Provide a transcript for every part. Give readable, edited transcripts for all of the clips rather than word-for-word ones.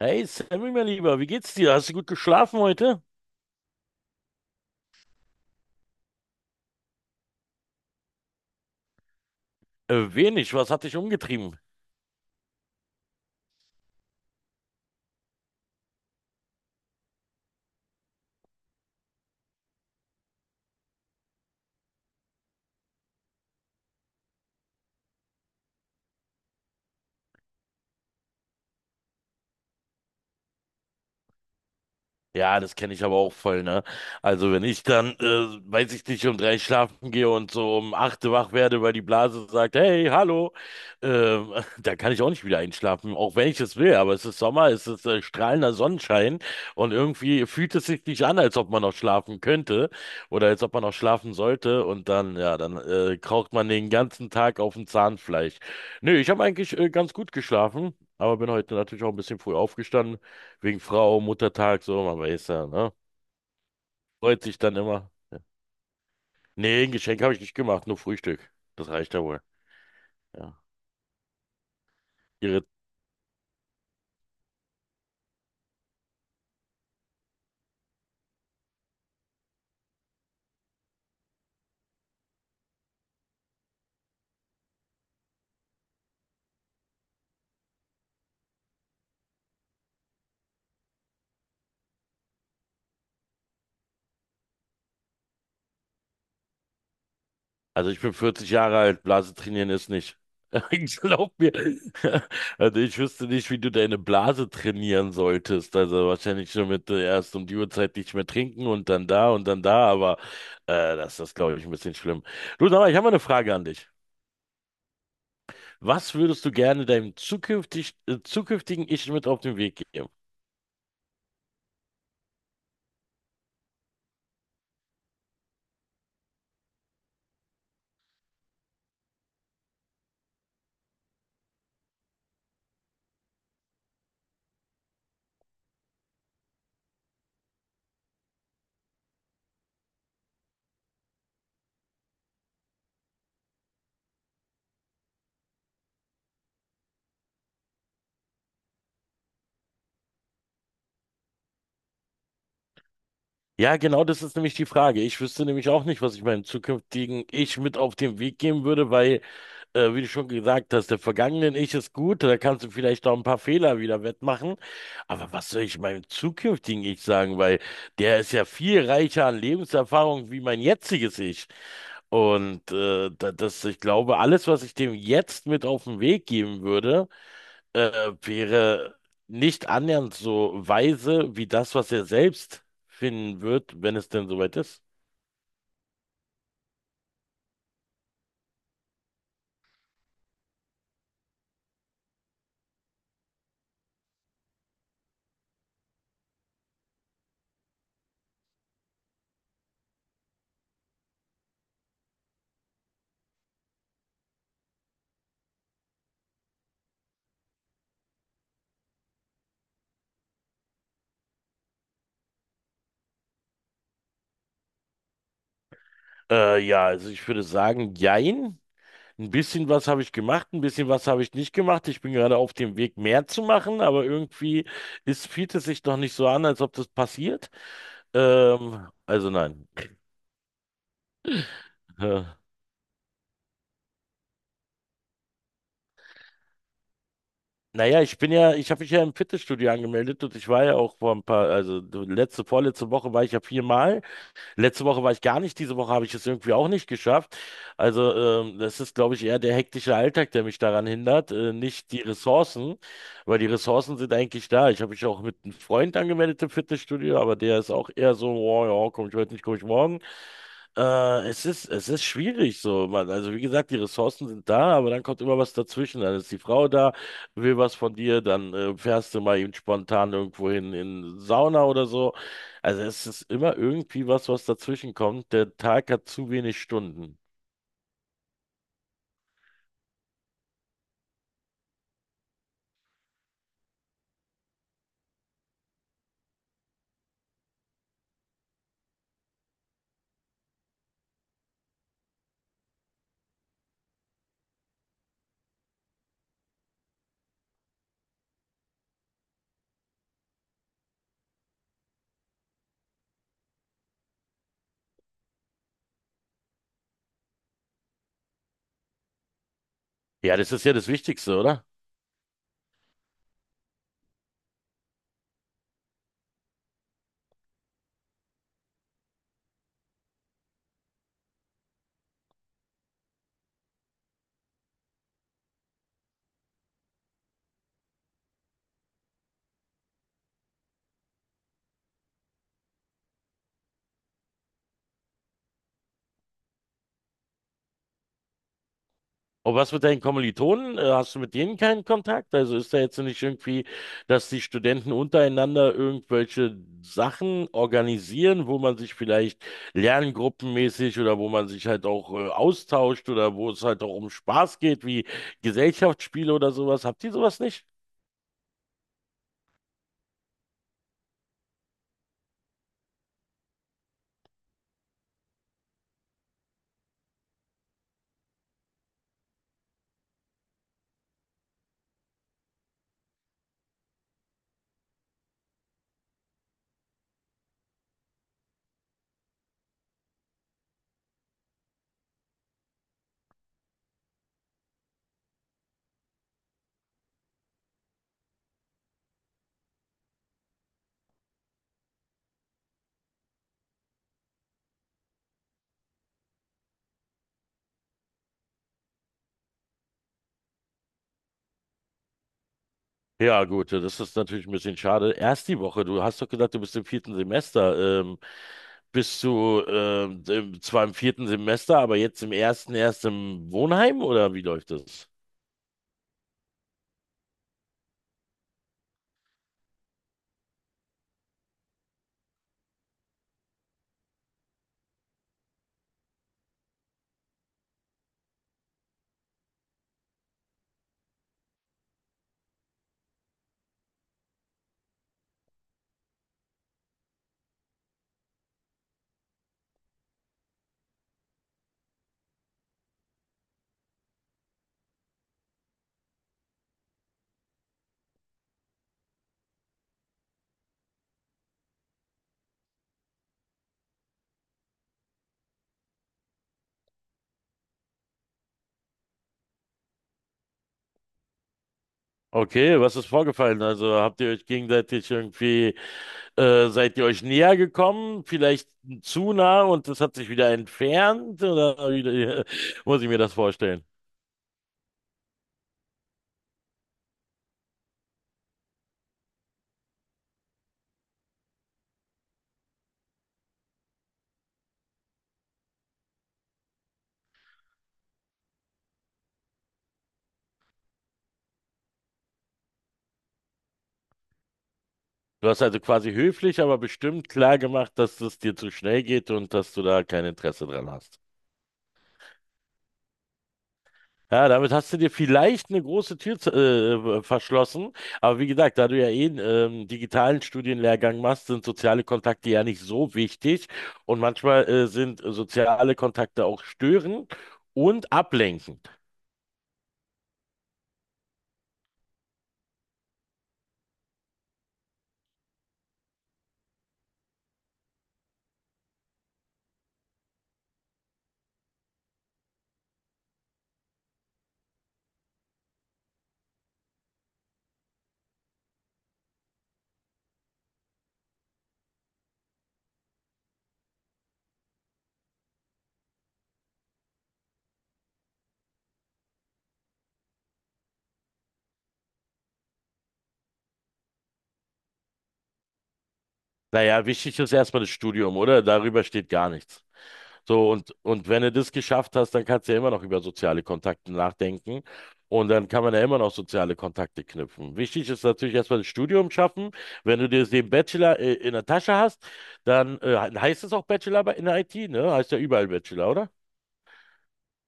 Hey Sammy, mein Lieber, wie geht's dir? Hast du gut geschlafen heute? Wenig, was hat dich umgetrieben? Ja, das kenne ich aber auch voll, ne? Also wenn ich dann, weiß ich nicht, um drei schlafen gehe und so um acht wach werde, weil die Blase sagt, hey, hallo, ähm, da kann ich auch nicht wieder einschlafen, auch wenn ich es will, aber es ist Sommer, es ist strahlender Sonnenschein und irgendwie fühlt es sich nicht an, als ob man noch schlafen könnte oder als ob man noch schlafen sollte. Und dann, ja, dann kraucht man den ganzen Tag auf dem Zahnfleisch. Nö, ich habe eigentlich ganz gut geschlafen, aber bin heute natürlich auch ein bisschen früh aufgestanden. Wegen Frau, Muttertag, so, man weiß ja, ne? Freut sich dann immer. Ja. Nee, ein Geschenk habe ich nicht gemacht, nur Frühstück. Das reicht ja wohl. Ja. Ihre. Also ich bin 40 Jahre alt, Blase trainieren ist nicht. Ich glaub mir. Also ich wüsste nicht, wie du deine Blase trainieren solltest. Also wahrscheinlich nur mit erst um die Uhrzeit nicht mehr trinken und dann da, aber das ist, glaube ich, ein bisschen schlimm. Du, aber ich habe mal eine Frage an dich. Was würdest du gerne deinem zukünftigen Ich mit auf den Weg geben? Ja, genau, das ist nämlich die Frage. Ich wüsste nämlich auch nicht, was ich meinem zukünftigen Ich mit auf den Weg geben würde, weil wie du schon gesagt hast, der vergangenen Ich ist gut, da kannst du vielleicht auch ein paar Fehler wieder wettmachen. Aber was soll ich meinem zukünftigen Ich sagen? Weil der ist ja viel reicher an Lebenserfahrung wie mein jetziges Ich. Und das, ich glaube, alles, was ich dem jetzt mit auf den Weg geben würde, äh, wäre nicht annähernd so weise wie das, was er selbst finden wird, wenn es denn soweit ist. Ja, also ich würde sagen, jein. Ein bisschen was habe ich gemacht, ein bisschen was habe ich nicht gemacht. Ich bin gerade auf dem Weg, mehr zu machen, aber irgendwie fühlt es sich noch nicht so an, als ob das passiert. Also nein. Äh, naja, ich habe mich ja im Fitnessstudio angemeldet und ich war ja auch vor ein paar, also vorletzte Woche war ich ja viermal. Letzte Woche war ich gar nicht, diese Woche habe ich es irgendwie auch nicht geschafft. Also das ist, glaube ich, eher der hektische Alltag, der mich daran hindert, nicht die Ressourcen, weil die Ressourcen sind eigentlich da. Ich habe mich auch mit einem Freund angemeldet im Fitnessstudio, aber der ist auch eher so, oh, ja, komm ich heute nicht, komm ich morgen. Es ist schwierig so, Mann. Also wie gesagt, die Ressourcen sind da, aber dann kommt immer was dazwischen. Dann ist die Frau da, will was von dir, dann fährst du mal eben spontan irgendwo hin in Sauna oder so. Also es ist immer irgendwie was, was dazwischen kommt. Der Tag hat zu wenig Stunden. Ja, das ist ja das Wichtigste, oder? Und was mit deinen Kommilitonen? Hast du mit denen keinen Kontakt? Also ist da jetzt nicht irgendwie, dass die Studenten untereinander irgendwelche Sachen organisieren, wo man sich vielleicht lerngruppenmäßig oder wo man sich halt auch austauscht oder wo es halt auch um Spaß geht, wie Gesellschaftsspiele oder sowas? Habt ihr sowas nicht? Ja, gut, das ist natürlich ein bisschen schade. Erst die Woche, du hast doch gesagt, du bist im vierten Semester. Bist du zwar im vierten Semester, aber jetzt im ersten erst im Wohnheim oder wie läuft das? Okay, was ist vorgefallen? Also habt ihr euch gegenseitig irgendwie, seid ihr euch näher gekommen? Vielleicht zu nah und das hat sich wieder entfernt? Oder wie, muss ich mir das vorstellen? Du hast also quasi höflich, aber bestimmt klar gemacht, dass es dir zu schnell geht und dass du da kein Interesse dran hast. Ja, damit hast du dir vielleicht eine große Tür verschlossen. Aber wie gesagt, da du ja eh einen digitalen Studienlehrgang machst, sind soziale Kontakte ja nicht so wichtig. Und manchmal sind soziale Kontakte auch störend und ablenkend. Naja, wichtig ist erstmal das Studium, oder? Darüber steht gar nichts. So, und wenn du das geschafft hast, dann kannst du ja immer noch über soziale Kontakte nachdenken. Und dann kann man ja immer noch soziale Kontakte knüpfen. Wichtig ist natürlich erstmal das Studium schaffen. Wenn du dir den Bachelor in der Tasche hast, dann heißt es auch in der IT, ne? Heißt ja überall Bachelor, oder?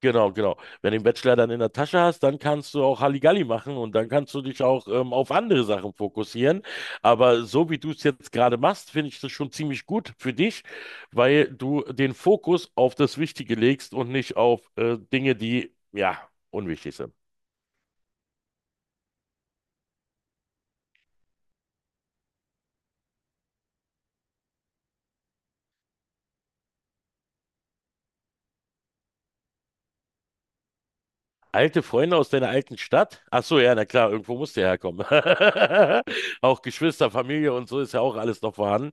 Genau, genau. Wenn du den Bachelor dann in der Tasche hast, dann kannst du auch Halligalli machen und dann kannst du dich auch auf andere Sachen fokussieren. Aber so wie du es jetzt gerade machst, finde ich das schon ziemlich gut für dich, weil du den Fokus auf das Wichtige legst und nicht auf Dinge, die, ja, unwichtig sind. Alte Freunde aus deiner alten Stadt? Ach so, ja, na klar, irgendwo musst du ja herkommen. Auch Geschwister, Familie und so ist ja auch alles noch vorhanden.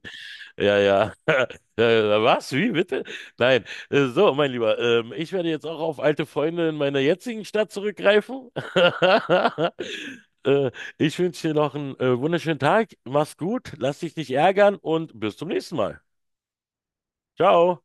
Ja, ja. Was? Wie bitte? Nein. So, mein Lieber, ich werde jetzt auch auf alte Freunde in meiner jetzigen Stadt zurückgreifen. Äh, Ich wünsche dir noch einen wunderschönen Tag. Mach's gut, lass dich nicht ärgern und bis zum nächsten Mal. Ciao.